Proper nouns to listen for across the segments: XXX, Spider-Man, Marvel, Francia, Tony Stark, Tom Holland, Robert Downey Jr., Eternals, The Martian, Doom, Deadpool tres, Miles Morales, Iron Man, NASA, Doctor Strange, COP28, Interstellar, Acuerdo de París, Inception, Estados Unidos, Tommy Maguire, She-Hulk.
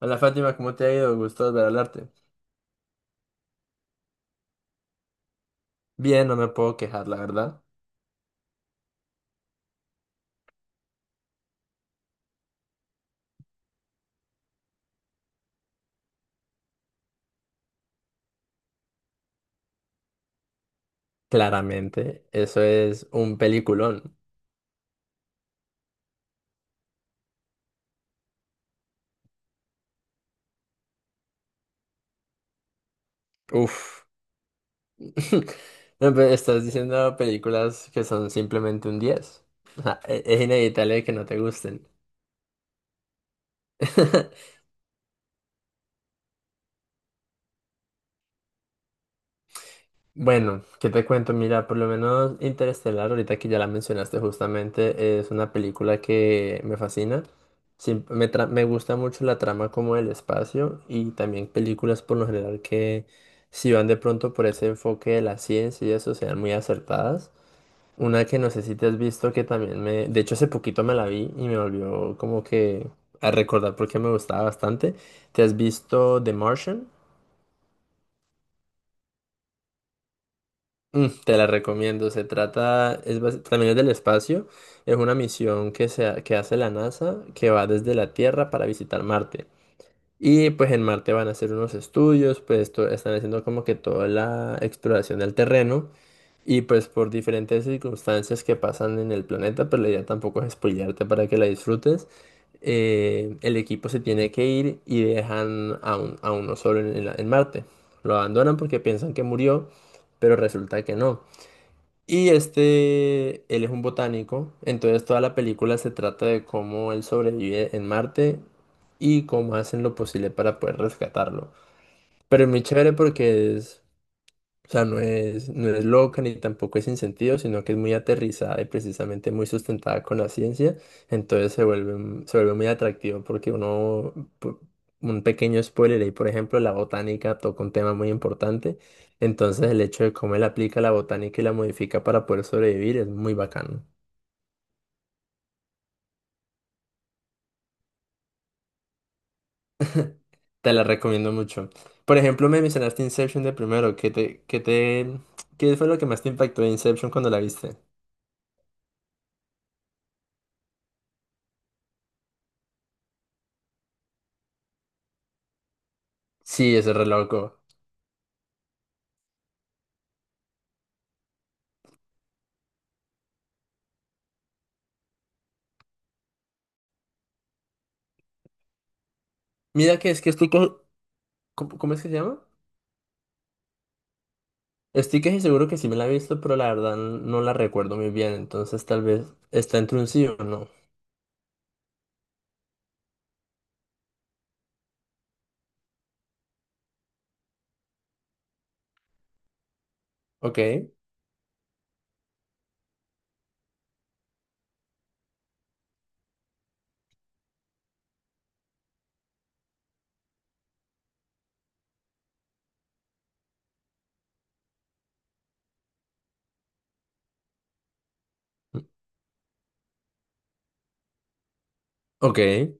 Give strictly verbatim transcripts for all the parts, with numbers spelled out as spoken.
Hola Fátima, ¿cómo te ha ido? Gusto volver a hablarte. Bien, no me puedo quejar, la verdad. Claramente, eso es un peliculón. Uf. No, pero estás diciendo películas que son simplemente un diez. O sea, e- es inevitable que no te gusten. Bueno, ¿qué te cuento? Mira, por lo menos Interestelar, ahorita que ya la mencionaste justamente, es una película que me fascina. Siem- me, tra- me gusta mucho la trama como del espacio y también películas por lo general que si van de pronto por ese enfoque de la ciencia y eso sean muy acertadas. Una que no sé si te has visto que también me... De hecho, hace poquito me la vi y me volvió como que a recordar porque me gustaba bastante. ¿Te has visto The Martian? Mm, Te la recomiendo. Se trata, es basi- también es del espacio. Es una misión que, se, ha- que hace la NASA que va desde la Tierra para visitar Marte. Y pues en Marte van a hacer unos estudios, pues to- están haciendo como que toda la exploración del terreno. Y pues por diferentes circunstancias que pasan en el planeta, pero la idea tampoco es spoilearte para que la disfrutes. Eh, el equipo se tiene que ir y dejan a, un- a uno solo en en la- en Marte. Lo abandonan porque piensan que murió, pero resulta que no. Y este, él es un botánico, entonces toda la película se trata de cómo él sobrevive en Marte y cómo hacen lo posible para poder rescatarlo. Pero es muy chévere porque es o sea, no es, no es loca ni tampoco es sin sentido, sino que es muy aterrizada y precisamente muy sustentada con la ciencia. Entonces se vuelve, un- se vuelve muy atractivo porque uno, pu- un pequeño spoiler ahí, por ejemplo, la botánica toca un tema muy importante. Entonces el hecho de cómo él aplica la botánica y la modifica para poder sobrevivir es muy bacano. Te la recomiendo mucho. Por ejemplo, me mencionaste Inception de primero. ¿Qué te, qué te, qué fue lo que más te impactó de Inception cuando la viste? Sí, ese reloj. Mira que es que estoy, co- ¿Cómo, cómo es que se llama? Estoy casi seguro que sí me la he visto, pero la verdad no la recuerdo muy bien, entonces tal vez está entre un sí o no. Ok, ok.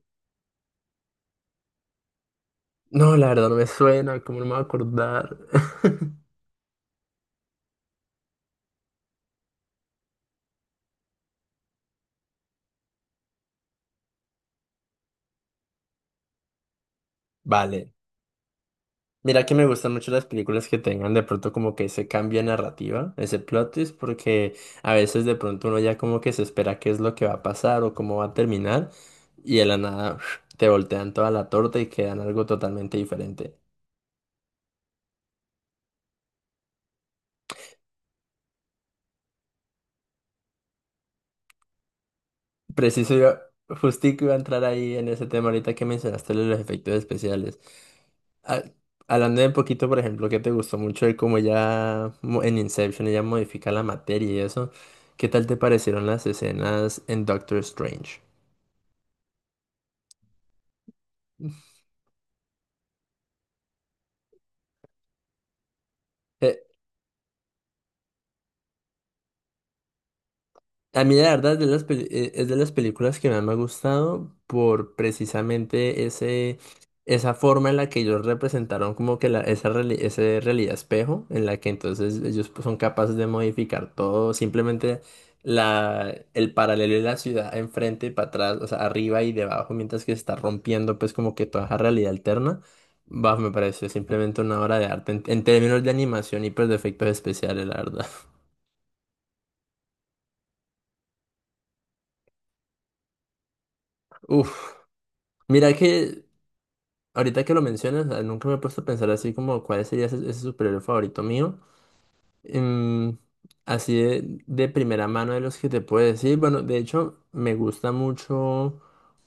No, la verdad no me suena, ¿cómo no me voy a acordar? Vale. Mira que me gustan mucho las películas que tengan de pronto como que ese cambio de narrativa, ese plot twist, porque a veces de pronto uno ya como que se espera qué es lo que va a pasar o cómo va a terminar, y de la nada te voltean toda la torta y quedan algo totalmente diferente. Preciso, yo justico iba a entrar ahí en ese tema ahorita que mencionaste lo de los efectos especiales. Ah, hablando de un poquito, por ejemplo, que te gustó mucho de cómo ya mo- en Inception ella modifica la materia y eso, ¿qué tal te parecieron las escenas en Doctor Strange? Eh, A mí la verdad es de las, peli- eh, es de las películas que más me ha gustado por precisamente ese, esa forma en la que ellos representaron como que la, esa, reali- ese realidad espejo, en la que entonces ellos pues, son capaces de modificar todo, simplemente la, el paralelo de la ciudad enfrente y para atrás, o sea, arriba y debajo, mientras que se está rompiendo pues como que toda esa realidad alterna. Bah, me pareció simplemente una obra de arte en, en términos de animación y pues de efectos especiales, la verdad. Uf. Mira que Ahorita que lo mencionas, ah, nunca me he puesto a pensar así como cuál sería ese, ese superhéroe favorito mío. Em, Así de, de primera mano de los que te puedo decir. Bueno, de hecho, me gusta mucho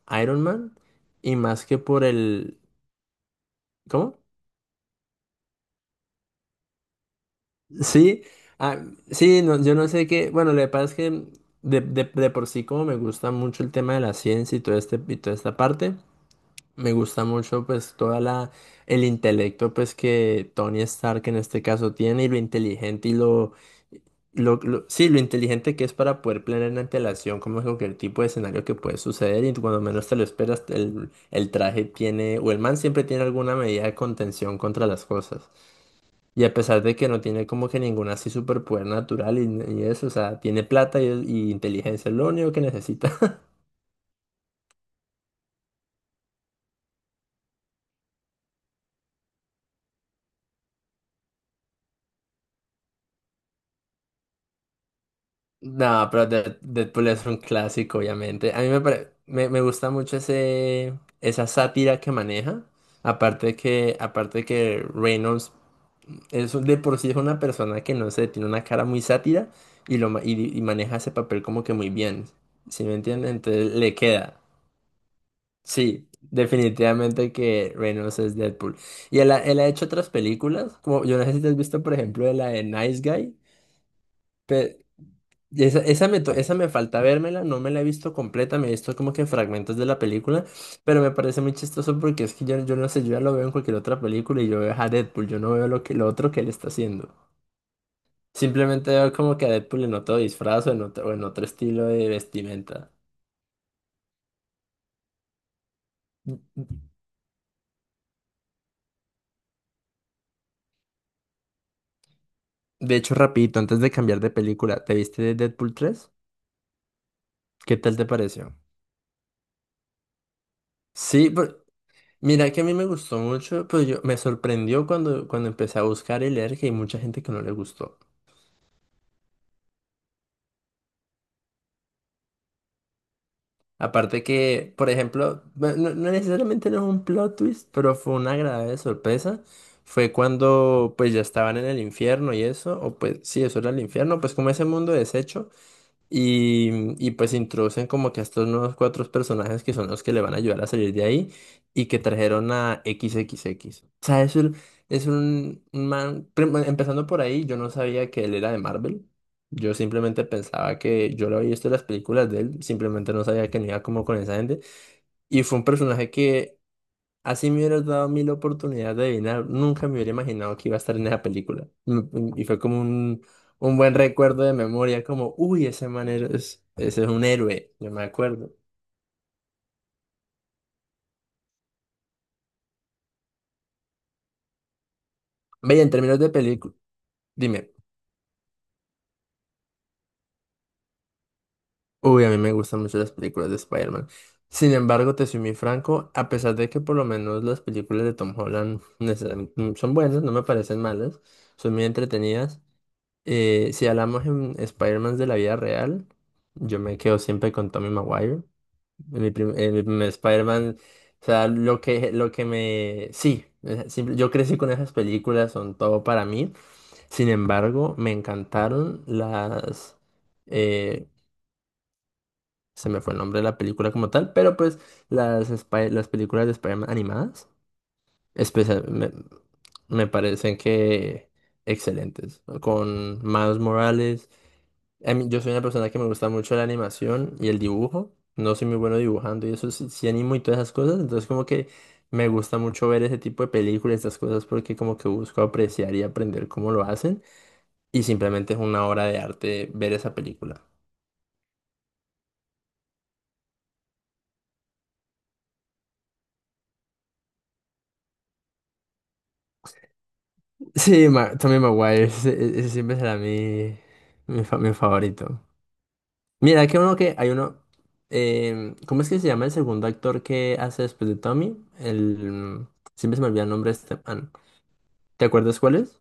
Iron Man y más que por el... ¿Cómo? Sí, ah, sí, no, yo no sé qué... Bueno, lo que pasa es que de, de- de por sí como me gusta mucho el tema de la ciencia y, todo este, y toda esta parte. Me gusta mucho pues toda la el intelecto pues que Tony Stark en este caso tiene y lo inteligente y lo, lo, lo- sí, lo inteligente que es para poder planear en antelación como es cualquier tipo de escenario que puede suceder y cuando menos te lo esperas el, el traje tiene o el man siempre tiene alguna medida de contención contra las cosas. Y a pesar de que no tiene como que ninguna así superpoder natural y, y eso, o sea, tiene plata y, y inteligencia, es lo único que necesita. No, pero Dead- Deadpool es un clásico, obviamente. A mí me, pare- me, me gusta mucho ese, esa sátira que maneja. Aparte de que, aparte de que Reynolds es un- de por sí es una persona que no sé, tiene una cara muy sátira y, lo, ma- y, y maneja ese papel como que muy bien. ¿Sí me entienden? Entonces le queda. Sí, definitivamente que Reynolds es Deadpool. Y él ha, él ha hecho otras películas, como yo no sé si te has visto, por ejemplo, de la de Nice Guy. Y Esa, esa, me, to- esa me falta vérmela, no me la he visto completa, me he visto como que fragmentos de la película, pero me parece muy chistoso porque es que yo, yo no sé, yo ya lo veo en cualquier otra película y yo veo a Deadpool, yo no veo lo que, lo otro que él está haciendo. Simplemente veo como que a Deadpool en otro disfraz o en otro, o en otro estilo de vestimenta. Mm, De hecho, rapidito, antes de cambiar de película, ¿te viste de Deadpool tres? ¿Qué tal te pareció? Sí, por- mira que a mí me gustó mucho, pero yo me sorprendió cuando, cuando empecé a buscar y leer que hay mucha gente que no le gustó. Aparte que, por ejemplo, bueno, no, no necesariamente no es un plot twist, pero fue una agradable sorpresa. Fue cuando pues ya estaban en el infierno y eso, o pues sí, eso era el infierno, pues como ese mundo deshecho. Y, y pues introducen como que a estos nuevos cuatro personajes que son los que le van a ayudar a salir de ahí y que trajeron a XXX. O sea, es un, es un un man, prim- bueno, empezando por ahí, yo no sabía que él era de Marvel. Yo simplemente pensaba que yo lo había visto en las películas de él, simplemente no sabía que no iba como con esa gente. Y fue un personaje que Así me hubieras dado mil oportunidades de adivinar. Nunca me hubiera imaginado que iba a estar en esa película. Mm, mm, Y fue como un, un buen recuerdo de memoria, como, uy, ese man es, ese es un héroe, yo me acuerdo. Veía, en términos de película, dime, uy, a mí me gustan mucho las películas de Spider-Man. Sin embargo, te soy muy franco, a pesar de que por lo menos las películas de Tom Holland necesariamente, mm, son buenas, no me parecen malas, son muy entretenidas. Eh, si hablamos en Spider-Man de la vida real, yo me quedo siempre con Tommy Maguire. En Mi, prim- eh, mi primer Spider-Man, o sea, lo que, lo que me... Sí, eh, simple- yo crecí con esas películas, son todo para mí. Sin embargo, me encantaron las... eh, se me fue el nombre de la película como tal, pero pues las, Spy- las películas de Spider-Man animadas, especial, me, me parecen que excelentes. Con Miles Morales. A mí, yo soy una persona que me gusta mucho la animación y el dibujo. No soy muy bueno dibujando y eso sí, sí animo y todas esas cosas. Entonces como que me gusta mucho ver ese tipo de películas, estas cosas, porque como que busco apreciar y aprender cómo lo hacen. Y simplemente es una obra de arte ver esa película. Sí, Ma- Tommy Maguire, ese, ese siempre será mi, mi, fa- mi favorito. Mira, que uno que hay uno... em, ¿cómo es que se llama el segundo actor que hace después de Tommy? El... mm, Siempre se me olvida el nombre de este man. ¿Te acuerdas cuál es?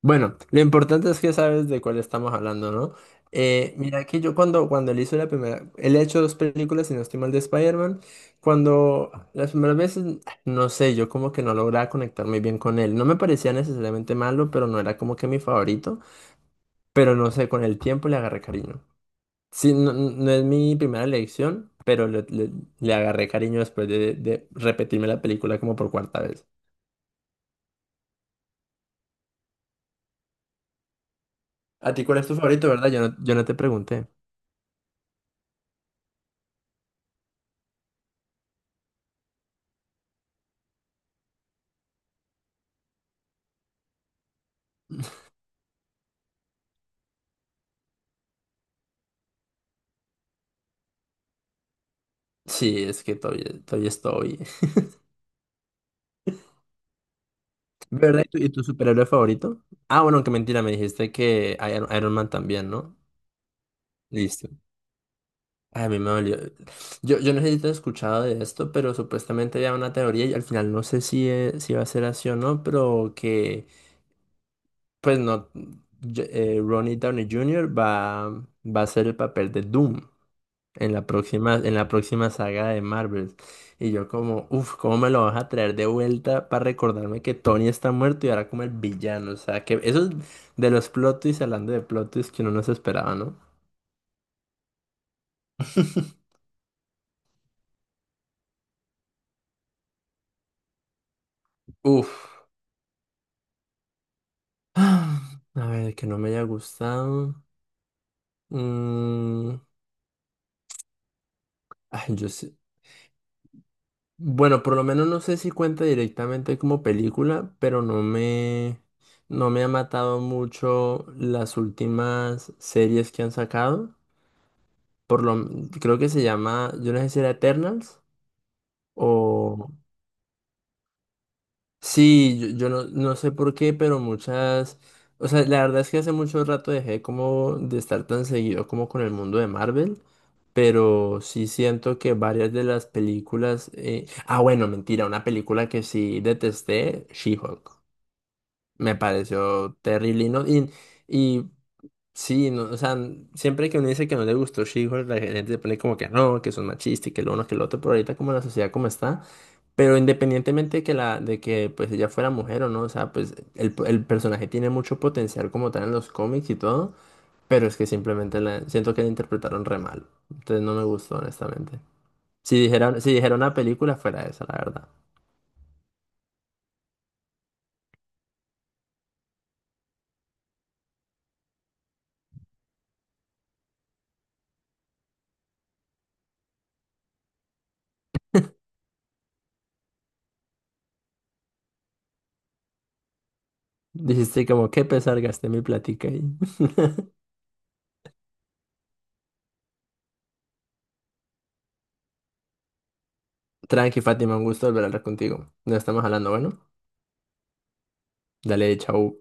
Bueno, lo importante es que sabes de cuál estamos hablando, ¿no? Eh, mira que yo cuando, cuando él hizo la primera, él ha hecho dos películas, si no estoy mal, de Spider-Man, cuando las primeras veces, no sé, yo como que no lograba conectar muy bien con él. No me parecía necesariamente malo, pero no era como que mi favorito, pero no sé, con el tiempo le agarré cariño. Sí, no, no es mi primera elección, pero le, le- le agarré cariño después de, de repetirme la película como por cuarta vez. ¿A ti cuál es tu favorito, verdad? Yo no, yo no te pregunté. Sí, es que todavía, todavía estoy. ¿Verdad? ¿Y tu, y tu superhéroe favorito? Ah, bueno, que mentira, me dijiste que Iron, Iron Man también, ¿no? Listo. Ay, a mí me dolió. Yo, yo no sé si te has escuchado de esto, pero supuestamente había una teoría y al final no sé si, eh, si va a ser así o no, pero que, pues no, yo- eh, Ronnie Downey junior va, va a hacer el papel de Doom. En la próxima, en la próxima saga de Marvel. Y yo como, uff, ¿cómo me lo vas a traer de vuelta para recordarme que Tony está muerto y ahora como el villano? O sea, que eso es de los plot twists, hablando de plot twists que uno no se esperaba, ¿no? Uff. Ah, A ver, que no me haya gustado. Mm, ay, yo sé. Bueno, por lo menos no sé si cuenta directamente como película, pero no me, no me ha matado mucho las últimas series que han sacado. por lo, creo que se llama, yo no sé si era Eternals o... Sí, yo, yo no, no sé por qué, pero muchas... O sea, la verdad es que hace mucho rato dejé como de estar tan seguido como con el mundo de Marvel, pero sí siento que varias de las películas... eh, Ah, bueno, mentira, una película que sí detesté, She-Hulk. Me pareció terrible y, no- y, y sí, no, o sea, siempre que uno dice que no le gustó She-Hulk, la gente se pone como que no, que son machistas y que lo uno, que lo otro, pero ahorita como la sociedad como está, pero independientemente de que la, de que pues ella fuera mujer o no, o sea, pues el, el personaje tiene mucho potencial como tal en los cómics y todo, pero es que simplemente la, siento que la interpretaron re mal, entonces no me gustó honestamente. Si dijera, si dijera una película fuera esa, la verdad. Dijiste como, qué pesar, gasté mi platica ahí. Tranqui, Fátima, un gusto volver a hablar contigo. ¿Nos estamos hablando, bueno. Dale, chau.